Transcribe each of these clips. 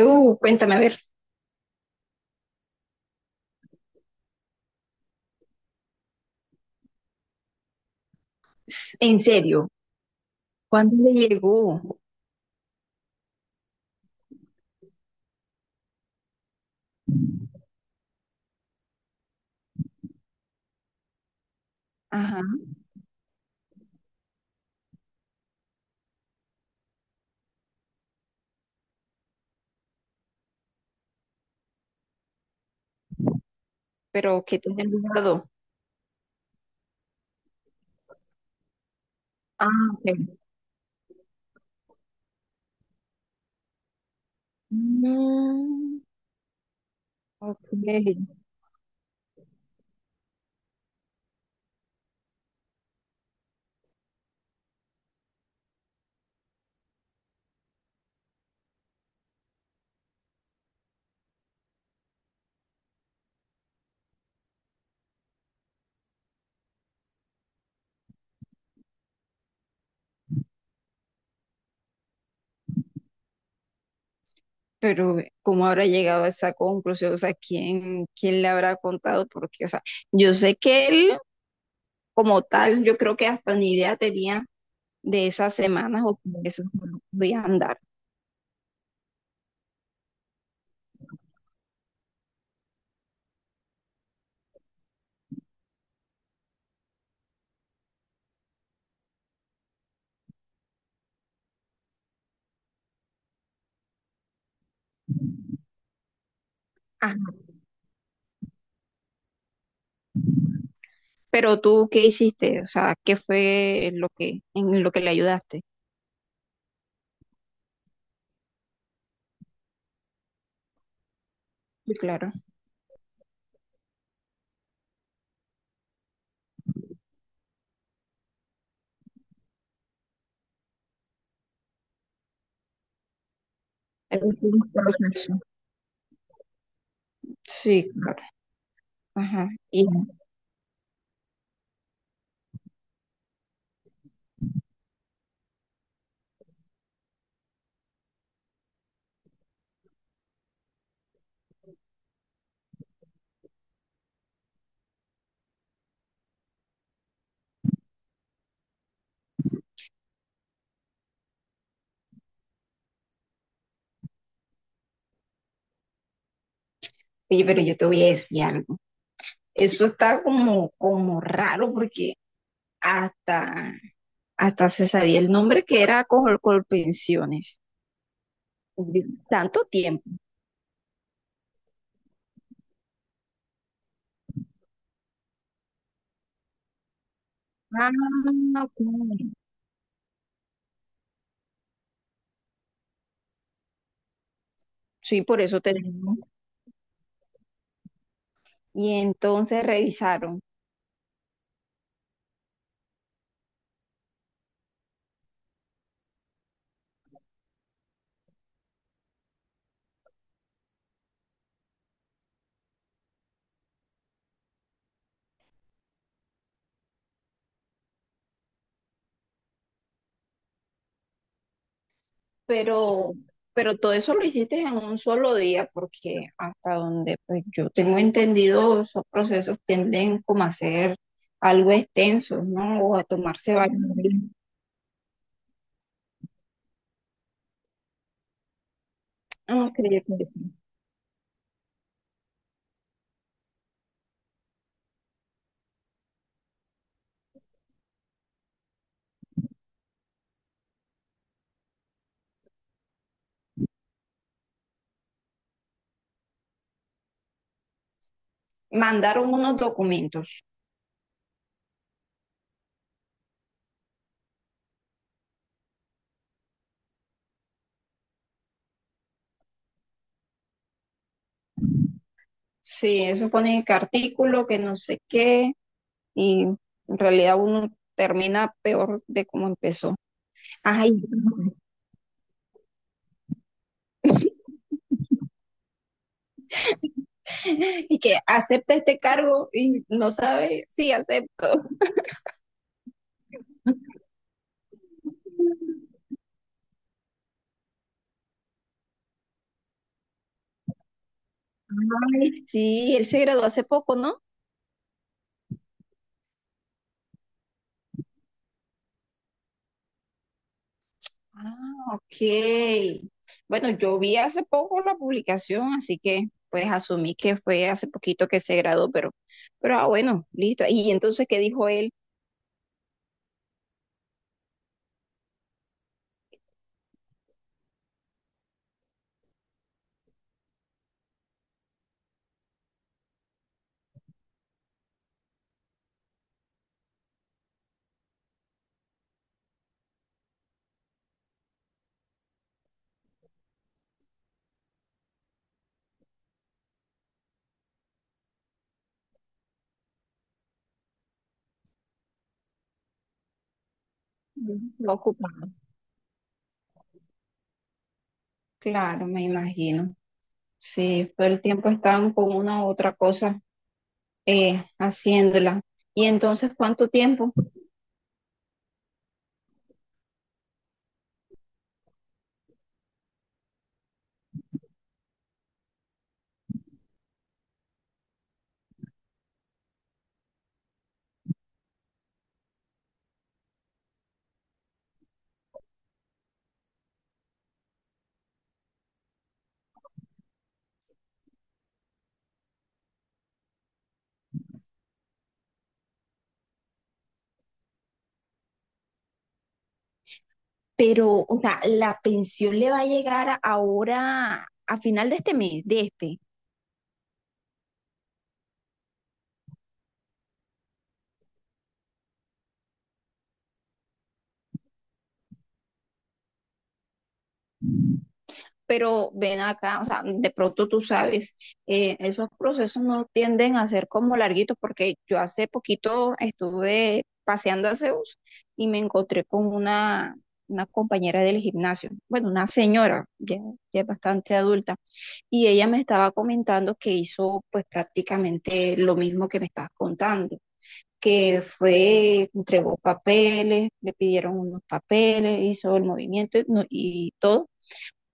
Eu, cuéntame, a ver, en serio, ¿cuándo le llegó? Ajá, pero ¿qué te guardó? Ah, ok. Mm, ok. Pero, ¿cómo habrá llegado a esa conclusión? O sea, ¿quién le habrá contado? Porque, o sea, yo sé que él, como tal, yo creo que hasta ni idea tenía de esas semanas o de esos voy a andar. Ajá. Pero tú, ¿qué hiciste? O sea, ¿qué fue lo que, en lo que le ayudaste? Sí, claro. Es un proceso. Sí, claro. Ajá. Y, oye, pero yo te voy a decir algo. Eso está como raro porque hasta, hasta se sabía el nombre que era Colpensiones. Tanto tiempo. Ah, ok. Sí, por eso te digo. Y entonces revisaron. Pero, pero todo eso lo hiciste en un solo día porque hasta donde pues, yo tengo entendido, esos procesos tienden como a ser algo extensos, ¿no? O a tomarse varios días. Ok, ok, ok. Mandaron unos documentos. Sí, eso pone que artículo, que no sé qué, y en realidad uno termina peor de cómo empezó. Ay, y que acepta este cargo y no sabe, sí, acepto. Ay, sí, él se graduó hace poco, ¿no? Ah, ok. Bueno, yo vi hace poco la publicación, así que pues asumí que fue hace poquito que se graduó, pero bueno, listo. ¿Y entonces qué dijo él? Ocupado. Claro, me imagino. Sí, todo el tiempo están con una u otra cosa haciéndola. Y entonces, ¿cuánto tiempo? Pero, o sea, la pensión le va a llegar ahora a final de este mes, de este. Pero ven acá, o sea, de pronto tú sabes, esos procesos no tienden a ser como larguitos, porque yo hace poquito estuve paseando a Zeus y me encontré con una compañera del gimnasio, bueno, una señora, ya, ya es bastante adulta, y ella me estaba comentando que hizo pues prácticamente lo mismo que me estás contando, que fue, entregó papeles, le pidieron unos papeles, hizo el movimiento y, y todo,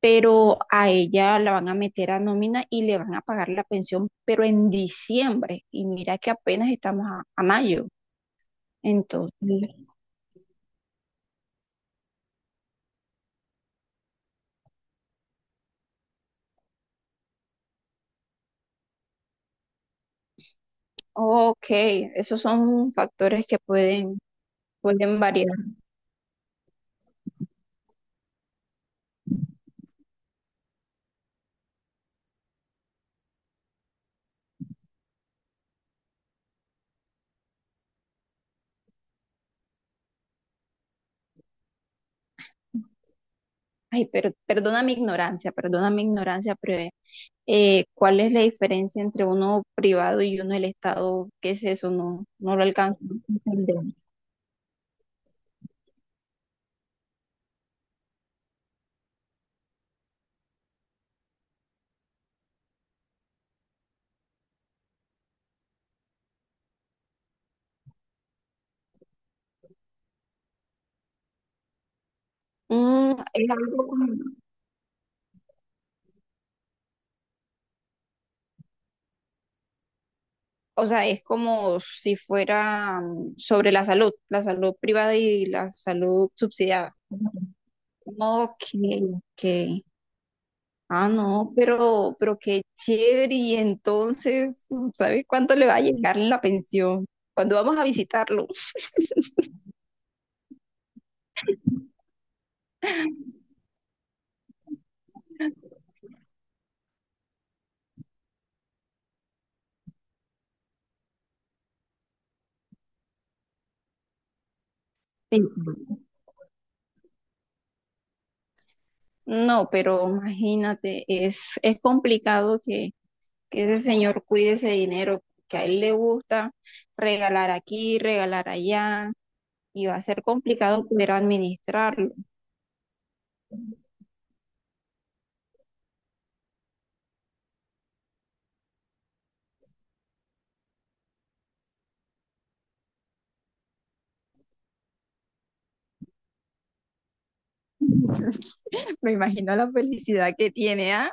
pero a ella la van a meter a nómina y le van a pagar la pensión, pero en diciembre. Y mira que apenas estamos a mayo. Entonces, ok, esos son factores que pueden, pueden variar. Ay, pero perdona mi ignorancia, pero ¿cuál es la diferencia entre uno privado y uno del Estado? ¿Qué es eso? No, no lo alcanzo a entender. Mm, es algo como... O sea, es como si fuera mm, sobre la salud privada y la salud subsidiada. No, que, ah, no, pero qué chévere. Y entonces, mm, ¿sabes cuánto le va a llegar en la pensión? Cuando vamos a visitarlo. Sí. No, pero imagínate, es complicado que ese señor cuide ese dinero, que a él le gusta regalar aquí, regalar allá, y va a ser complicado poder administrarlo. Me imagino la felicidad que tiene, ¿ah?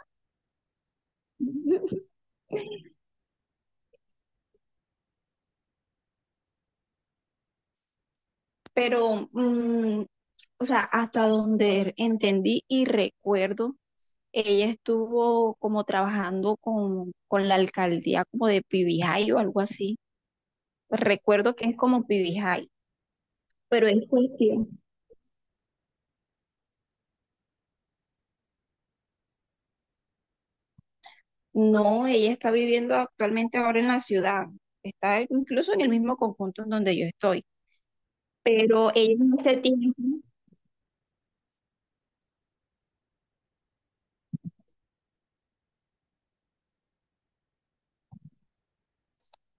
Pero, mm, o sea, hasta donde entendí y recuerdo, ella estuvo como trabajando con la alcaldía como de Pibijay o algo así. Pues recuerdo que es como Pibijay, pero es cuestión. No, ella está viviendo actualmente ahora en la ciudad. Está incluso en el mismo conjunto en donde yo estoy. Pero ella en ese tiempo...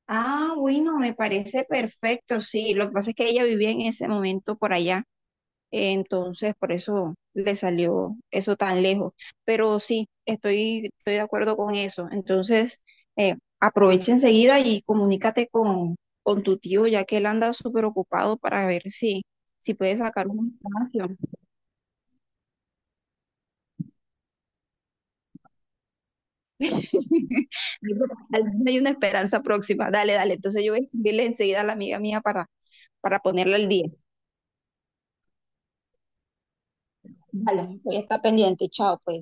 Ah, bueno, me parece perfecto, sí. Lo que pasa es que ella vivía en ese momento por allá, entonces por eso le salió eso tan lejos. Pero sí, estoy de acuerdo con eso. Entonces, aprovecha enseguida y comunícate con tu tío, ya que él anda súper ocupado para ver si, si puede sacar un espacio. Al menos hay una esperanza próxima. Dale, dale. Entonces yo voy a escribirle enseguida a la amiga mía para ponerla al día. Vale, voy a estar pendiente. Chao, pues.